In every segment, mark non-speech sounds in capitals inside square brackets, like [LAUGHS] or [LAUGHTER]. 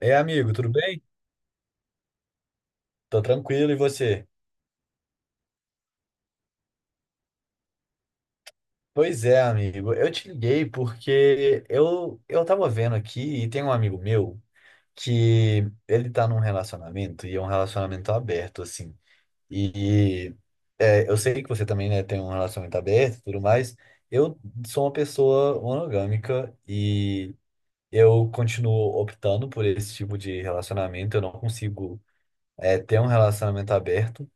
Ei, amigo, tudo bem? Tô tranquilo, e você? Pois é, amigo, eu te liguei porque eu tava vendo aqui e tem um amigo meu que ele tá num relacionamento e é um relacionamento aberto, assim. E eu sei que você também, né, tem um relacionamento aberto e tudo mais. Eu sou uma pessoa monogâmica e eu continuo optando por esse tipo de relacionamento. Eu não consigo, ter um relacionamento aberto.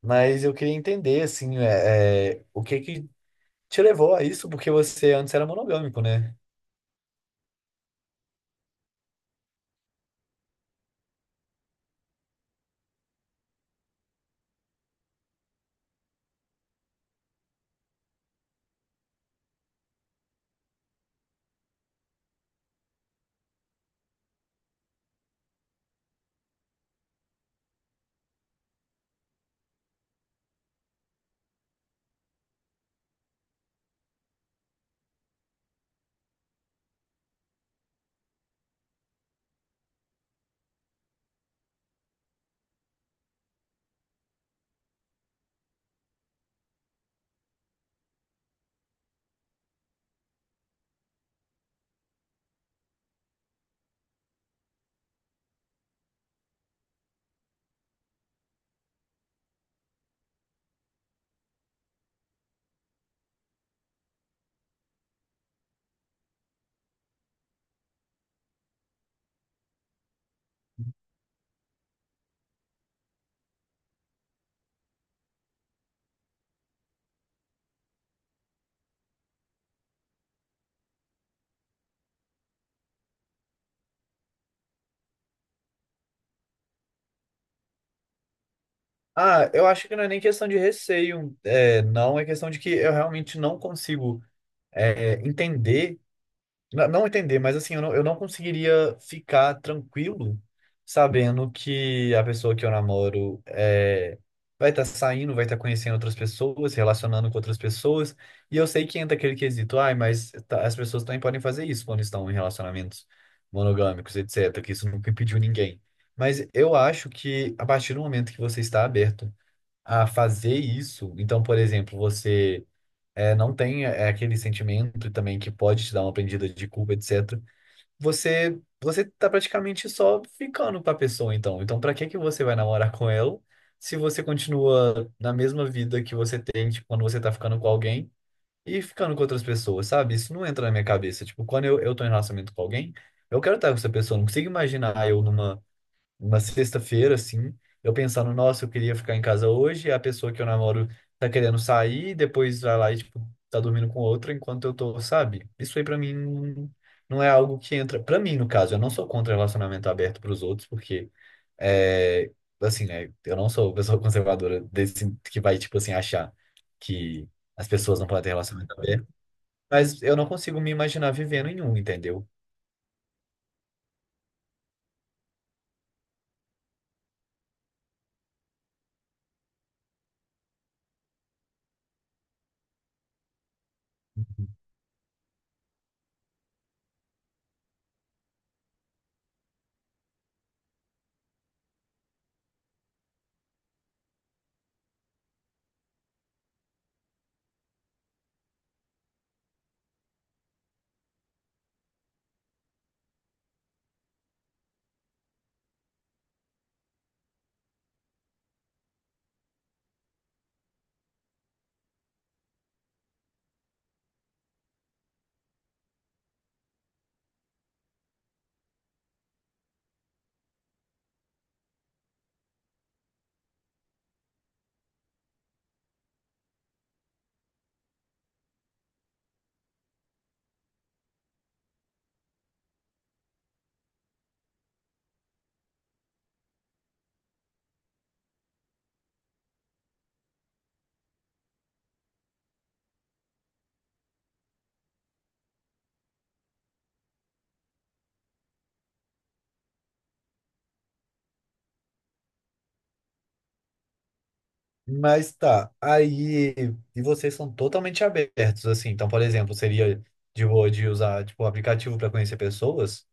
Mas eu queria entender, assim, o que que te levou a isso, porque você antes era monogâmico, né? Ah, eu acho que não é nem questão de receio, não, é questão de que eu realmente não consigo, entender. Não entender, mas assim, eu não conseguiria ficar tranquilo sabendo que a pessoa que eu namoro vai estar saindo, vai estar conhecendo outras pessoas, relacionando com outras pessoas. E eu sei que entra aquele quesito, ai, mas as pessoas também podem fazer isso quando estão em relacionamentos monogâmicos, etc., que isso nunca impediu ninguém. Mas eu acho que a partir do momento que você está aberto a fazer isso, então, por exemplo, você não tem é aquele sentimento também que pode te dar uma prendida de culpa, etc. Você tá praticamente só ficando com a pessoa, então. Então, pra que que você vai namorar com ela se você continua na mesma vida que você tem, tipo, quando você tá ficando com alguém e ficando com outras pessoas, sabe? Isso não entra na minha cabeça. Tipo, quando eu tô em relacionamento com alguém, eu quero estar com essa pessoa. Eu não consigo imaginar eu numa uma sexta-feira, assim, eu pensando, nossa, eu queria ficar em casa hoje, e a pessoa que eu namoro tá querendo sair, depois vai lá e, tipo, tá dormindo com outra enquanto eu tô, sabe? Isso aí pra mim não é algo que entra. Pra mim, no caso, eu não sou contra relacionamento aberto pros outros, porque, é, assim, né, eu não sou pessoa [LAUGHS] conservadora desse que vai, tipo, assim, achar que as pessoas não podem ter relacionamento aberto, mas eu não consigo me imaginar vivendo em um, entendeu? Mas tá, aí. E vocês são totalmente abertos, assim. Então, por exemplo, seria de boa de usar, tipo, o aplicativo para conhecer pessoas?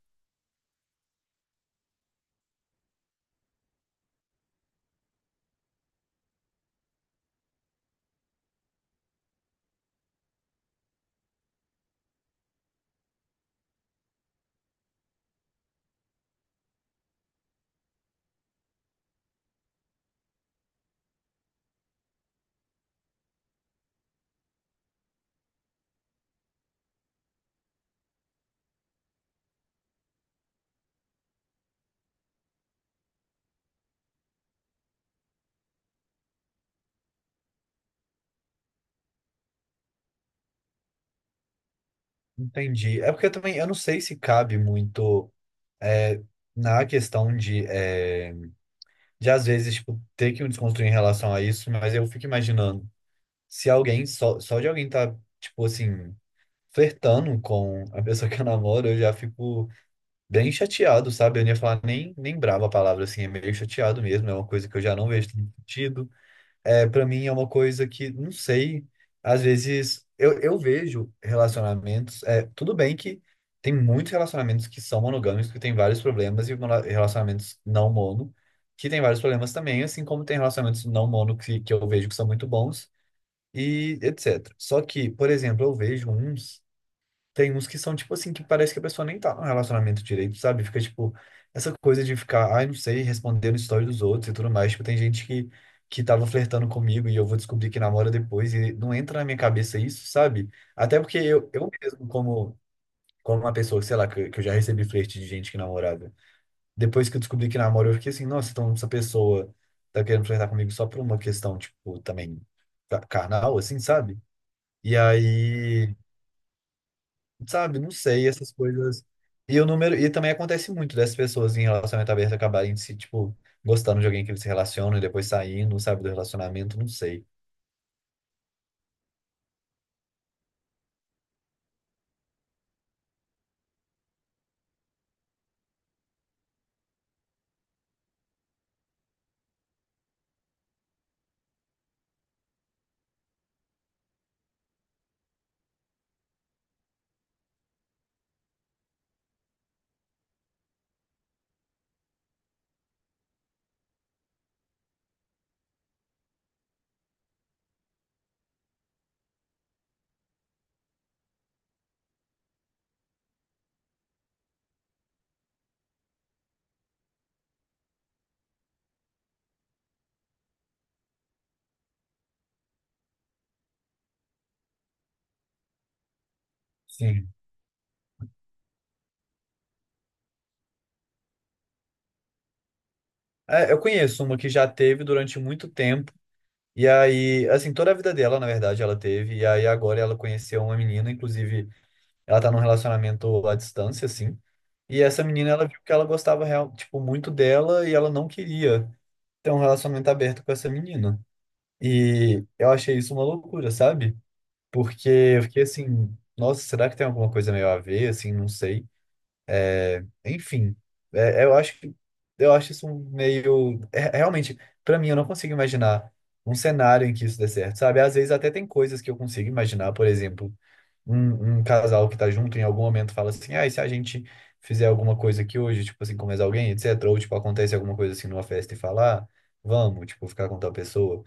Entendi. É porque eu também, eu não sei se cabe muito é, na questão de, às vezes, tipo, ter que me desconstruir em relação a isso, mas eu fico imaginando se alguém, só de alguém tá, tipo, assim, flertando com a pessoa que eu namoro, eu já fico bem chateado, sabe? Eu não ia falar nem, brava a palavra, assim, é meio chateado mesmo, é uma coisa que eu já não vejo tendo sentido. É, para mim é uma coisa que, não sei, às vezes eu vejo relacionamentos, tudo bem que tem muitos relacionamentos que são monogâmicos, que tem vários problemas, e relacionamentos não mono, que tem vários problemas também, assim como tem relacionamentos não mono que eu vejo que são muito bons, e etc. Só que, por exemplo, eu vejo uns tem uns que são, tipo assim, que parece que a pessoa nem tá num relacionamento direito, sabe? Fica, tipo, essa coisa de ficar, ai, não sei, respondendo história dos outros e tudo mais. Tipo, tem gente que, tava flertando comigo e eu vou descobrir que namora depois e não entra na minha cabeça isso, sabe? Até porque eu mesmo, como uma pessoa, sei lá, que eu já recebi flerte de gente que namorava. Depois que eu descobri que namora, eu fiquei assim, nossa, então essa pessoa tá querendo flertar comigo só por uma questão, tipo, também carnal, assim, sabe? E aí sabe, não sei, essas coisas. E também acontece muito dessas pessoas em relacionamento aberto acabarem se, tipo, gostando de alguém que eles se relacionam e depois saindo, sabe, do relacionamento, não sei. Sim. É, eu conheço uma que já teve durante muito tempo, e aí, assim, toda a vida dela, na verdade, ela teve, e aí agora ela conheceu uma menina, inclusive, ela tá num relacionamento à distância, assim, e essa menina, ela viu que ela gostava, real, tipo, muito dela, e ela não queria ter um relacionamento aberto com essa menina. E eu achei isso uma loucura, sabe? Porque eu fiquei assim, nossa, será que tem alguma coisa meio a ver, assim, não sei. Enfim, eu acho que eu acho isso um meio realmente, pra mim eu não consigo imaginar um cenário em que isso dê certo, sabe? Às vezes até tem coisas que eu consigo imaginar, por exemplo, um casal que tá junto em algum momento fala assim: "Ah, e se a gente fizer alguma coisa aqui hoje, tipo assim, comer alguém, etc." Ou tipo acontece alguma coisa assim numa festa e falar: "Vamos, tipo, ficar com tal pessoa."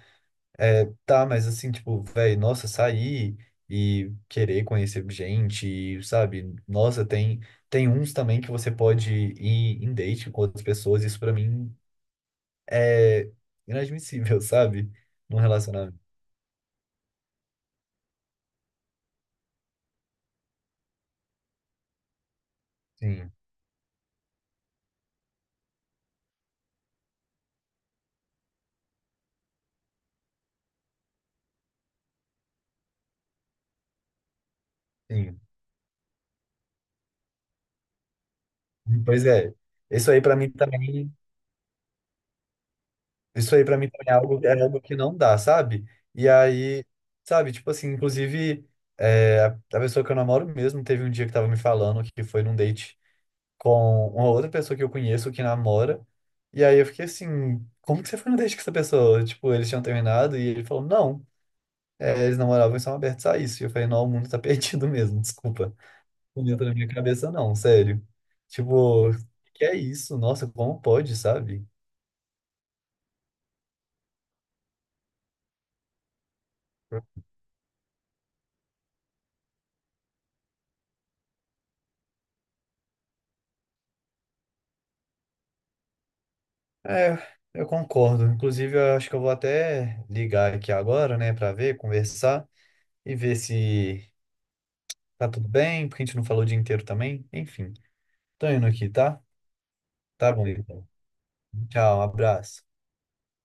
É, tá, mas assim, tipo, velho, nossa, sair e querer conhecer gente, e, sabe? Nossa, tem uns também que você pode ir em date com outras pessoas, isso pra mim é inadmissível, [LAUGHS] sabe? Num relacionamento. Sim, sim. Pois é. Isso aí pra mim também, isso aí para mim também é algo, que não dá, sabe? E aí, sabe, tipo assim, inclusive, é, a a pessoa que eu namoro mesmo teve um dia que tava me falando que foi num date com uma outra pessoa que eu conheço que namora. E aí eu fiquei assim, como que você foi no date com essa pessoa? Tipo, eles tinham terminado e ele falou, não, eles namoravam e são abertos a isso. E eu falei, não, o mundo tá [LAUGHS] perdido mesmo, desculpa. Não entra na minha cabeça não, sério. Tipo, que é isso? Nossa, como pode, sabe? É, eu concordo. Inclusive, eu acho que eu vou até ligar aqui agora, né, pra ver, conversar e ver se tá tudo bem, porque a gente não falou o dia inteiro também. Enfim, tô indo aqui, tá? Tá bom, então. Tchau, um abraço.